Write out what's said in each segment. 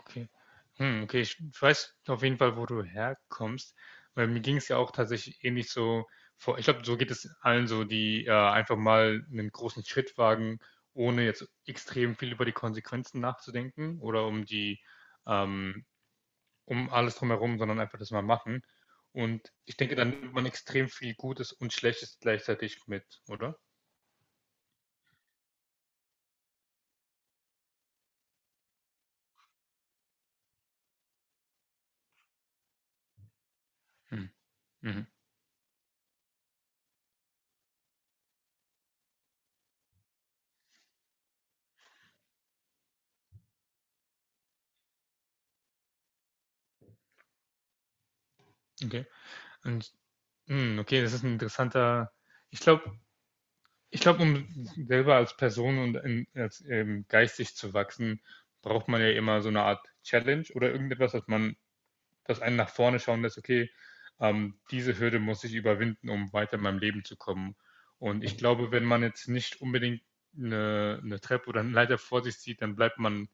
Okay. Okay, ich weiß auf jeden Fall, wo du herkommst, weil mir ging es ja auch tatsächlich ähnlich so vor. Ich glaube, so geht es allen so, die einfach mal einen großen Schritt wagen, ohne jetzt extrem viel über die Konsequenzen nachzudenken oder um ähm, um alles drumherum, sondern einfach das mal machen. Und ich denke, dann nimmt man extrem viel Gutes und Schlechtes gleichzeitig mit, oder? Hm. Mhm. Okay. Und, okay, das ist ein interessanter. Ich glaube, Ich glaube, um selber als Person geistig zu wachsen, braucht man ja immer so eine Art Challenge oder dass einen nach vorne schauen lässt, okay, diese Hürde muss ich überwinden, um weiter in meinem Leben zu kommen. Und ich glaube, wenn man jetzt nicht unbedingt eine Treppe oder eine Leiter vor sich sieht, dann bleibt man,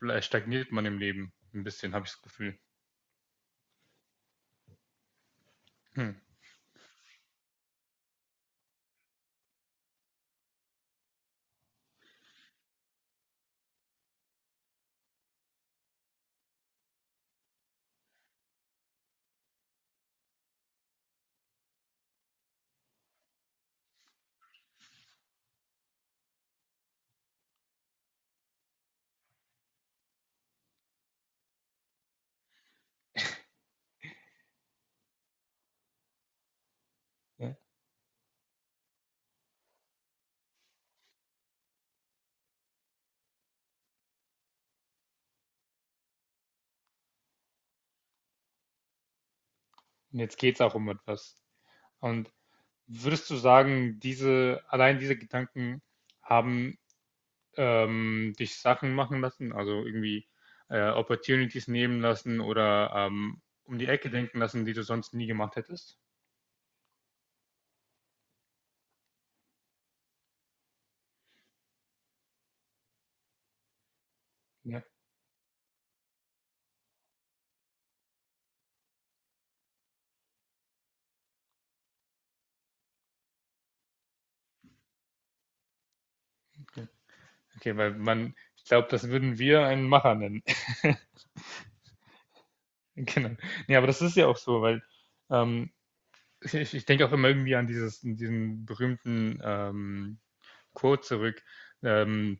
ble- stagniert man im Leben ein bisschen, habe ich das Gefühl. Hm. Ja. Und jetzt geht es auch um etwas. Und würdest du sagen, allein diese Gedanken haben dich Sachen machen lassen, also irgendwie Opportunities nehmen lassen oder um die Ecke denken lassen, die du sonst nie gemacht hättest? Ja, okay. Okay, weil man, ich glaube, das würden wir einen Macher nennen. Genau. Ja, aber das ist ja auch so, weil ähm, ich denke auch immer irgendwie an an diesen berühmten Quote zurück, ähm,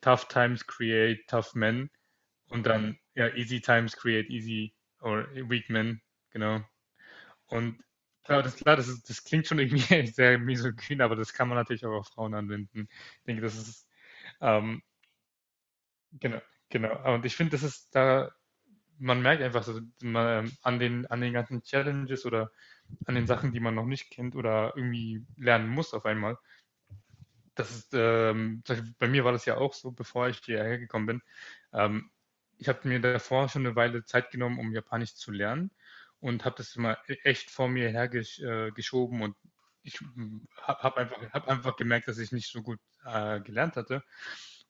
tough times create tough men, und dann ja, easy times create easy or weak men, genau. Und das klingt schon irgendwie sehr misogyn, aber das kann man natürlich auch auf Frauen anwenden. Ich denke, das ist, ähm, genau, genau. Und ich finde, das ist da, man merkt einfach so, man, an an den ganzen Challenges oder an den Sachen, die man noch nicht kennt oder irgendwie lernen muss auf einmal, das ist, ähm, bei mir war das ja auch so, bevor ich hierher gekommen bin. Ähm, Ich habe mir davor schon eine Weile Zeit genommen, um Japanisch zu lernen und habe das immer echt vor mir hergeschoben geschoben. Und ich hab einfach gemerkt, dass ich nicht so gut gelernt hatte.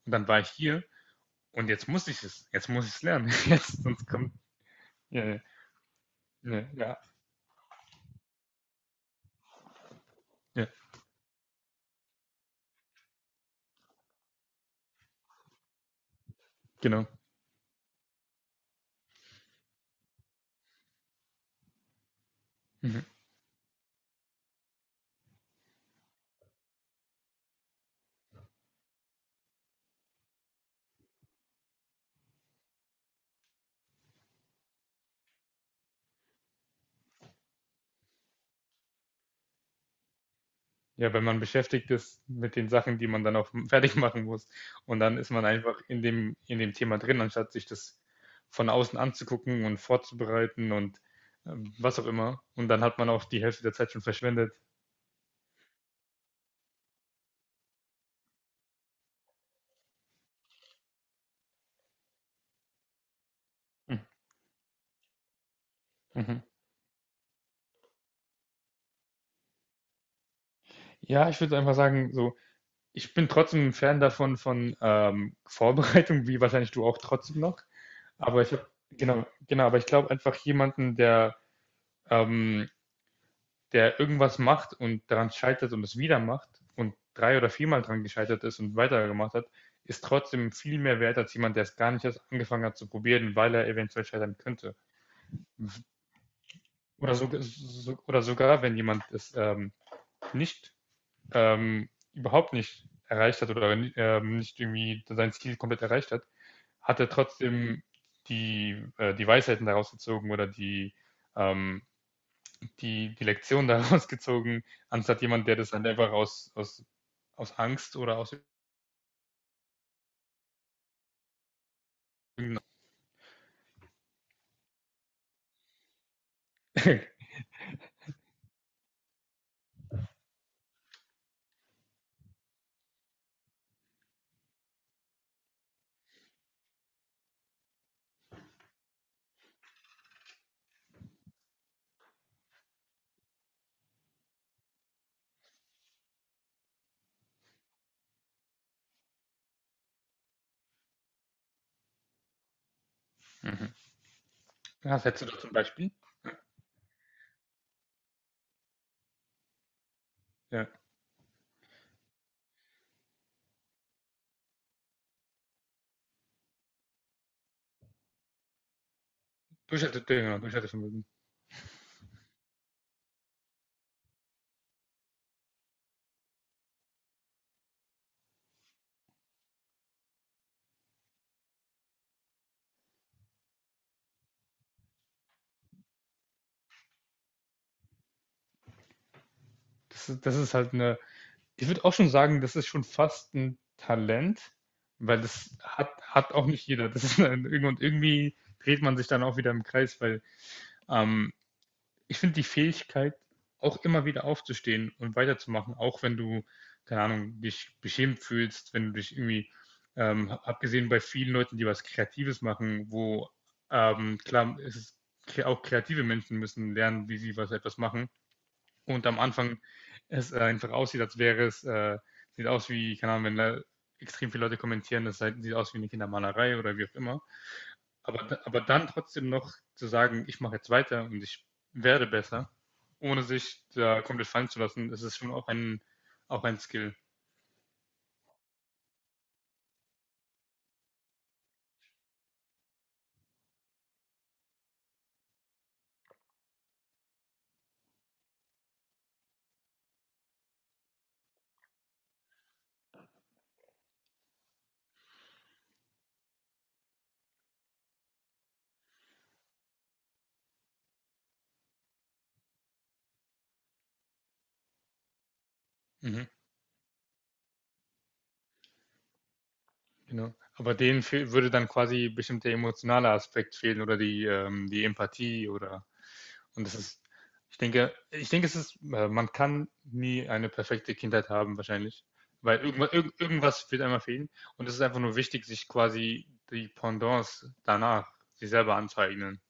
Und dann war ich hier und jetzt muss ich es. Jetzt muss ich es lernen. Jetzt, sonst kommt. Ja, ja, ja, ja, ja, genau. Mhm. Ja, wenn man beschäftigt ist mit den Sachen, die man dann auch fertig machen muss. Und dann ist man einfach in in dem Thema drin, anstatt sich das von außen anzugucken und vorzubereiten und was auch immer. Und dann hat man auch die Hälfte der Zeit schon verschwendet. Hm. Mhm. Ja, ich würde einfach sagen, so, ich bin trotzdem ein Fan davon von Vorbereitung, wie wahrscheinlich du auch trotzdem noch. Aber genau, aber ich glaube einfach jemanden, der ähm, der irgendwas macht und daran scheitert und es wieder macht und drei oder viermal dran gescheitert ist und weitergemacht hat, ist trotzdem viel mehr wert als jemand, der es gar nicht erst angefangen hat zu probieren, weil er eventuell scheitern könnte. Oder sogar, wenn jemand es nicht, überhaupt nicht erreicht hat oder nicht irgendwie sein Ziel komplett erreicht hat, hat er trotzdem die Weisheiten daraus gezogen oder ähm, die Lektion daraus gezogen, anstatt jemand, der das dann einfach aus Angst oder aus irgendeiner. Mhm. Was hättest du da zum Beispiel? Ja. Durchhaltevermögen, genau, Durchhaltevermögen. Das ist halt eine. Ich würde auch schon sagen, das ist schon fast ein Talent, weil hat auch nicht jeder. Das ist ein, und irgendwie dreht man sich dann auch wieder im Kreis, weil ähm, ich finde die Fähigkeit, auch immer wieder aufzustehen und weiterzumachen, auch wenn du, keine Ahnung, dich beschämt fühlst, wenn du dich irgendwie, abgesehen bei vielen Leuten, die was Kreatives machen, wo klar, auch kreative Menschen müssen lernen, wie sie was etwas machen. Und am Anfang es einfach aussieht, sieht aus wie, keine Ahnung, wenn da extrem viele Leute kommentieren, sieht aus wie eine Kindermalerei oder wie auch immer. Aber, aber dann trotzdem noch zu sagen, ich mache jetzt weiter und ich werde besser, ohne sich da komplett fallen zu lassen, das ist schon auch auch ein Skill. Mhm, genau. Aber denen fehl, würde dann quasi bestimmt der emotionale Aspekt fehlen oder die Empathie oder, und ich denke, es ist, man kann nie eine perfekte Kindheit haben, wahrscheinlich, weil irgendwas wird einmal fehlen und es ist einfach nur wichtig, sich quasi die Pendants danach, sich selber anzueignen.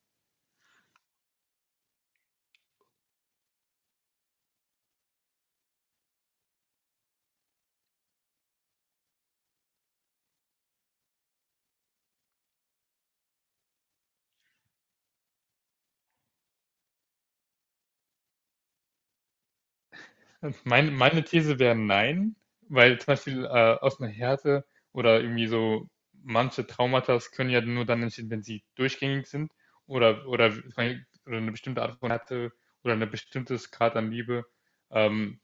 Meine These wäre nein, weil zum Beispiel aus einer Härte oder irgendwie so manche Traumata können ja nur dann entstehen, wenn sie durchgängig sind oder, oder, oder eine bestimmte Art von Härte oder ein bestimmtes Grad an Liebe ähm,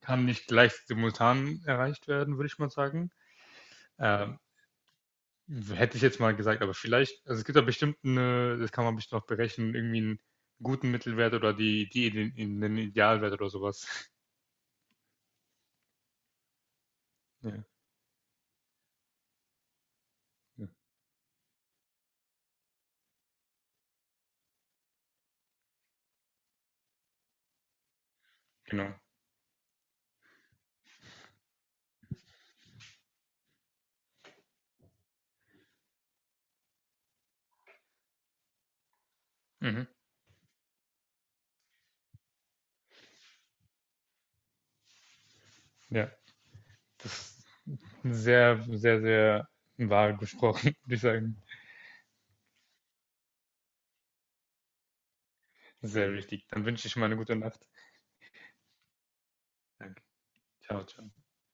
kann nicht gleich simultan erreicht werden, würde ich mal sagen. Ähm, hätte ich jetzt mal gesagt, aber vielleicht, also es gibt da bestimmt eine, das kann man bestimmt noch berechnen, irgendwie einen guten Mittelwert oder in den Idealwert oder sowas. Ja, ja, genau. Mhm. Ja, das ist sehr, sehr, sehr wahr gesprochen, würde ich sagen. Sehr wichtig. Dann wünsche ich mal eine gute Nacht. Danke. Ciao, ciao.